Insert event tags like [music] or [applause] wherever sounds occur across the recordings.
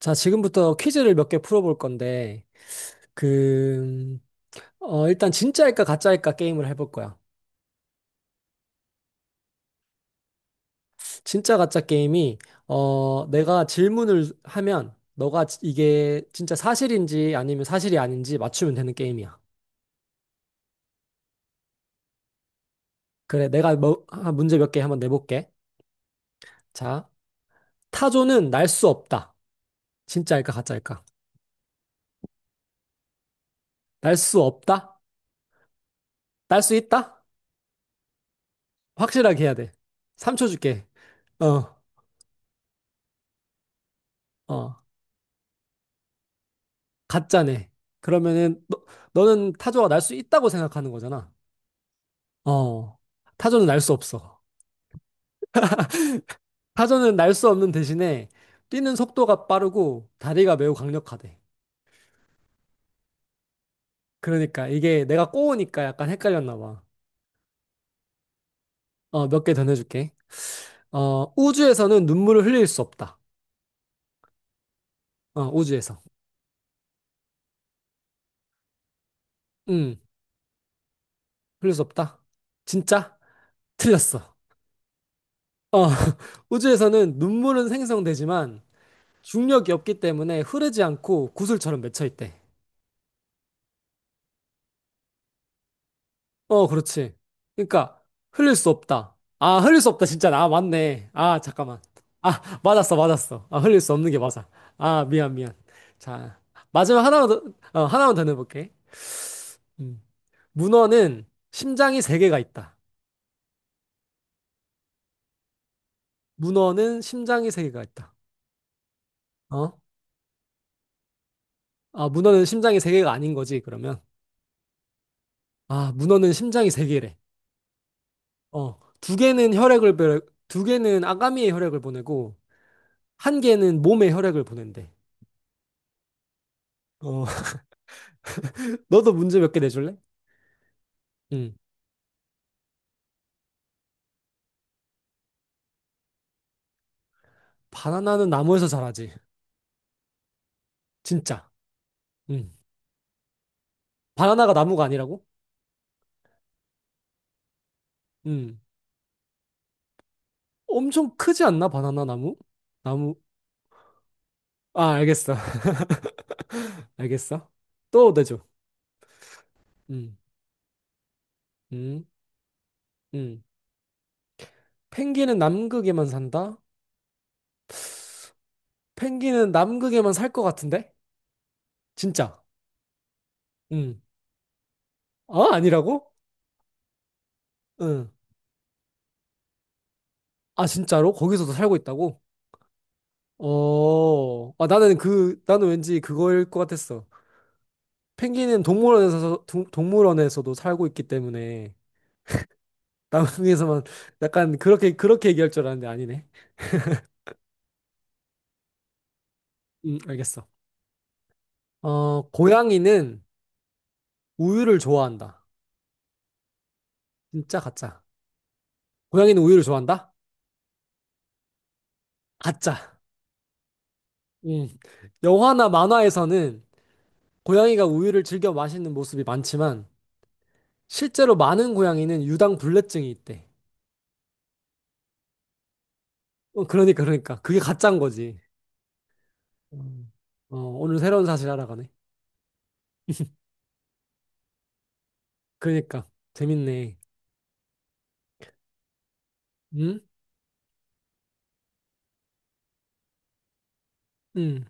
자, 지금부터 퀴즈를 몇 개 풀어볼 건데, 그, 일단 진짜일까 가짜일까 게임을 해볼 거야. 진짜 가짜 게임이, 내가 질문을 하면, 너가 이게 진짜 사실인지 아니면 사실이 아닌지 맞추면 되는 게임이야. 그래, 내가 뭐, 아, 문제 몇 개 한번 내볼게. 자, 타조는 날 수 없다. 진짜일까 가짜일까? 날 수 없다? 날 수 있다? 확실하게 해야 돼. 3초 줄게. 어, 어. 가짜네. 그러면은 너, 너는 타조가 날 수 있다고 생각하는 거잖아. 어. 타조는 날 수 없어. 타조는 날 수 없는 대신에 뛰는 속도가 빠르고 다리가 매우 강력하대. 그러니까 이게 내가 꼬우니까 약간 헷갈렸나 봐. 어, 몇 개 더 내줄게. 어, 우주에서는 눈물을 흘릴 수 없다. 어, 우주에서. 응. 흘릴 수 없다. 진짜? 틀렸어. 어, [laughs] 우주에서는 눈물은 생성되지만 중력이 없기 때문에 흐르지 않고 구슬처럼 맺혀 있대. 어, 그렇지. 그러니까 흘릴 수 없다. 아, 흘릴 수 없다. 진짜. 아, 맞네. 아, 잠깐만. 아, 맞았어, 맞았어. 아, 흘릴 수 없는 게 맞아. 아, 미안, 미안. 자, 마지막 하나만 더, 하나만 더 내볼게. 음. 문어는 심장이 세 개가 있다. 문어는 심장이 세 개가 있다. 어? 아, 문어는 심장이 세 개가 아닌 거지, 그러면. 아, 문어는 심장이 세 개래. 어, 두 개는 아가미의 혈액을 보내고, 한 개는 몸의 혈액을 보낸대. 어, 너도 문제 몇 개 내줄래? 응. 바나나는 나무에서 자라지. 진짜. 응. 바나나가 나무가 아니라고? 응. 엄청 크지 않나? 바나나 나무? 나무. 아, 알겠어. [laughs] 알겠어. 또 내줘. 응. 응. 응. 펭귄은 남극에만 산다? 펭귄은 남극에만 살 것 같은데? 진짜. 응. 아, 아니라고? 응. 아, 진짜로? 거기서도 살고 있다고? 어. 아, 나는 그, 나는 왠지 그거일 것 같았어. 펭귄은 물원에서도 살고 있기 때문에 남극에서만 [laughs] 약간 그렇게 얘기할 줄 알았는데 아니네. 알겠어. 어, 고양이는 우유를 좋아한다. 진짜 가짜. 고양이는 우유를 좋아한다? 가짜. 음. 영화나 만화에서는 고양이가 우유를 즐겨 마시는 모습이 많지만 실제로 많은 고양이는 유당 불내증이 있대. 어, 그러니까 그게 가짜인 거지. 음. 어, 오늘 새로운 사실 알아가네. 그러니까 재밌네. 음? 음.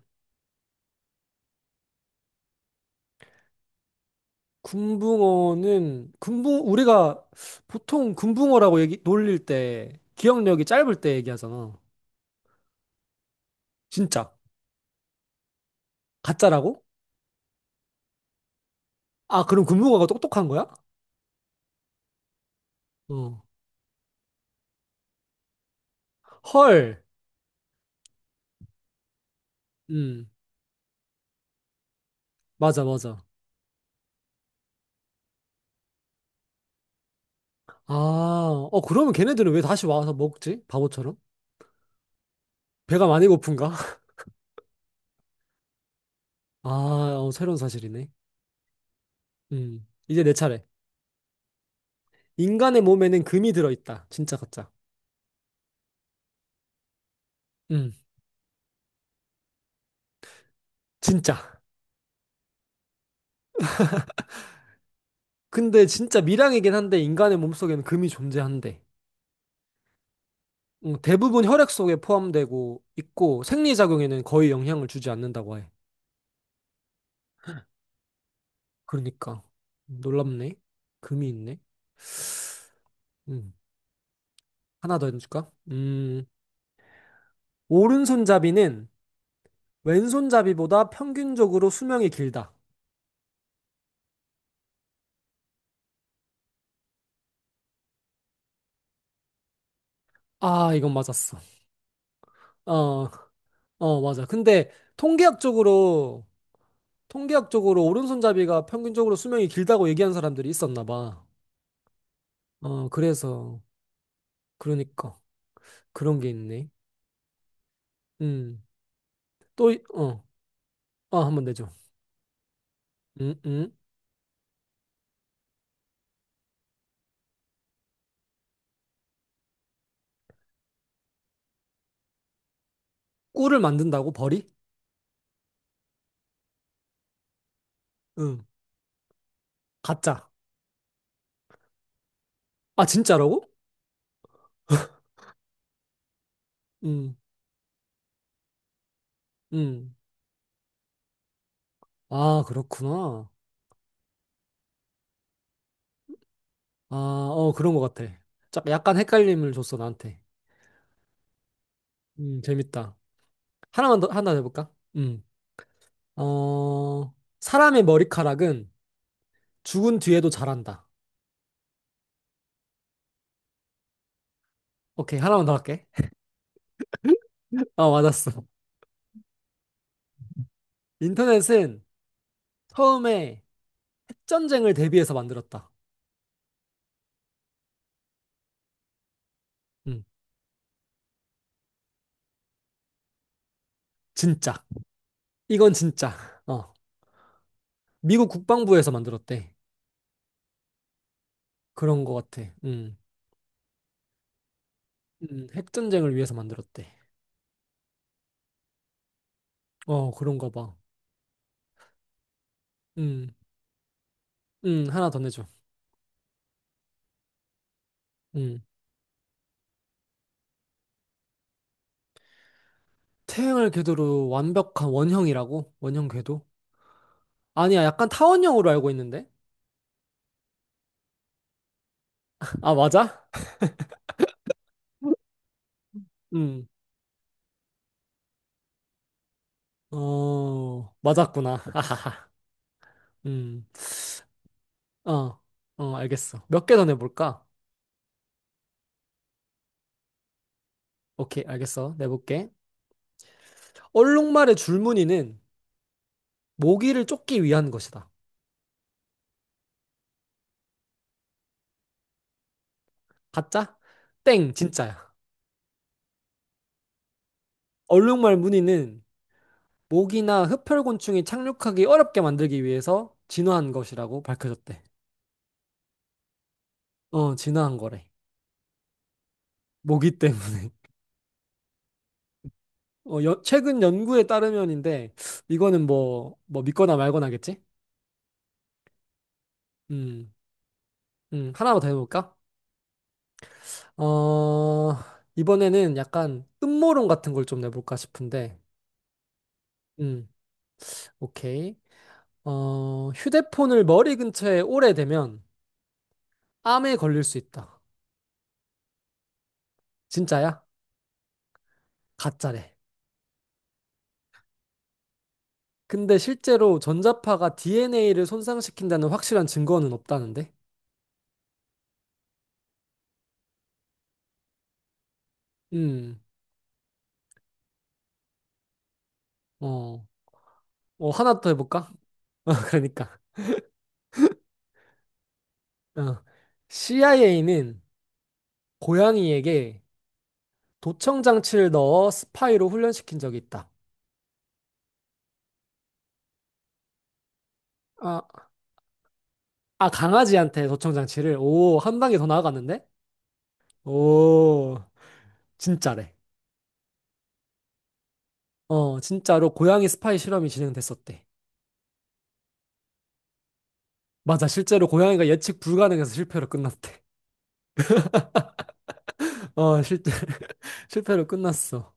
금붕어는 금붕 우리가 보통 금붕어라고 얘기 놀릴 때 기억력이 짧을 때 얘기하잖아. 진짜. 가짜라고? 아, 그럼 금붕어가 똑똑한 거야? 어. 헐. 음. 맞아, 맞아. 아, 어, 그러면 걔네들은 왜 다시 와서 먹지? 바보처럼? 배가 많이 고픈가? [laughs] 아, 어, 새로운 사실이네. 음. 이제 내 차례. 인간의 몸에는 금이 들어있다. 진짜 가짜. 음. 진짜. 근데 진짜 밀양이긴 한데 인간의 몸속에는 금이 존재한대. 대부분 혈액 속에 포함되고 있고 생리작용에는 거의 영향을 주지 않는다고 해. 그러니까 놀랍네. 금이 있네. 음, 하나 더 해줄까? 오른손잡이는 왼손잡이보다 평균적으로 수명이 길다. 아, 이건 맞았어. 어, 맞아. 근데 통계학적으로 통계학적으로 오른손잡이가 평균적으로 수명이 길다고 얘기한 사람들이 있었나 봐. 어, 그래서 그러니까 그런 게 있네. 음, 또 아, 한번 내줘. 음, 음. 꿀을 만든다고 벌이? 응. 가짜. 아, 진짜라고? 음, 음. 아, 그렇구나. 아, 어, 그런 것 같아. 자, 약간 헷갈림을 줬어, 나한테. 재밌다. 하나만 더, 하나 더 해볼까? 음. 어, 사람의 머리카락은 죽은 뒤에도 자란다. 오케이, 하나만 더 할게. [laughs] 아, 맞았어. 인터넷은 처음에 핵전쟁을 대비해서 만들었다. 음, 진짜. 이건 진짜. 어. 미국 국방부에서 만들었대. 그런 것 같아. 음. 핵전쟁을 위해서 만들었대. 어, 그런가 봐. 음, 하나 더 내줘. 음. 태양을 궤도로 완벽한 원형이라고? 원형 궤도? 아니야, 약간 타원형으로 알고 있는데? 아, 맞아? 음, 어, 맞았구나. [laughs] 하하하. 음, 어, 알겠어. 몇 개 더 내볼까? 오케이, 알겠어. 내볼게. 얼룩말의 줄무늬는 모기를 쫓기 위한 것이다. 가짜? 땡, 진짜야. 얼룩말 무늬는 모기나 흡혈곤충이 착륙하기 어렵게 만들기 위해서 진화한 것이라고 밝혀졌대. 어, 진화한 거래. 모기 때문에. [laughs] 어, 최근 연구에 따르면인데, 이거는 뭐 믿거나 말거나겠지? 음, 하나만 더 해볼까? 어, 이번에는 약간 음모론 같은 걸 좀 내볼까 싶은데, 음, 오케이. 어, 휴대폰을 머리 근처에 오래 대면 암에 걸릴 수 있다. 진짜야? 가짜래. 근데 실제로 전자파가 DNA를 손상시킨다는 확실한 증거는 없다는데? 음, 어, 하나 더 해볼까? [laughs] 어, 그러니까. 어. CIA는 고양이에게 도청 장치를 넣어 스파이로 훈련시킨 적이 있다. 아, 아, 강아지한테 도청 장치를. 오, 한 단계 더 나아갔는데? 오, 진짜래. 어, 진짜로 고양이 스파이 실험이 진행됐었대. 맞아, 실제로 고양이가 예측 불가능해서 실패로 끝났대. [laughs] 어, [laughs] 실패로 끝났어.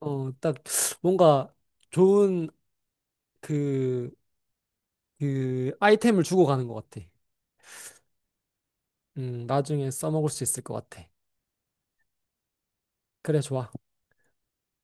어, 딱 뭔가 좋은 그, 그 아이템을 주고 가는 것 같아. 나중에 써먹을 수 있을 것 같아. 그래, 좋아.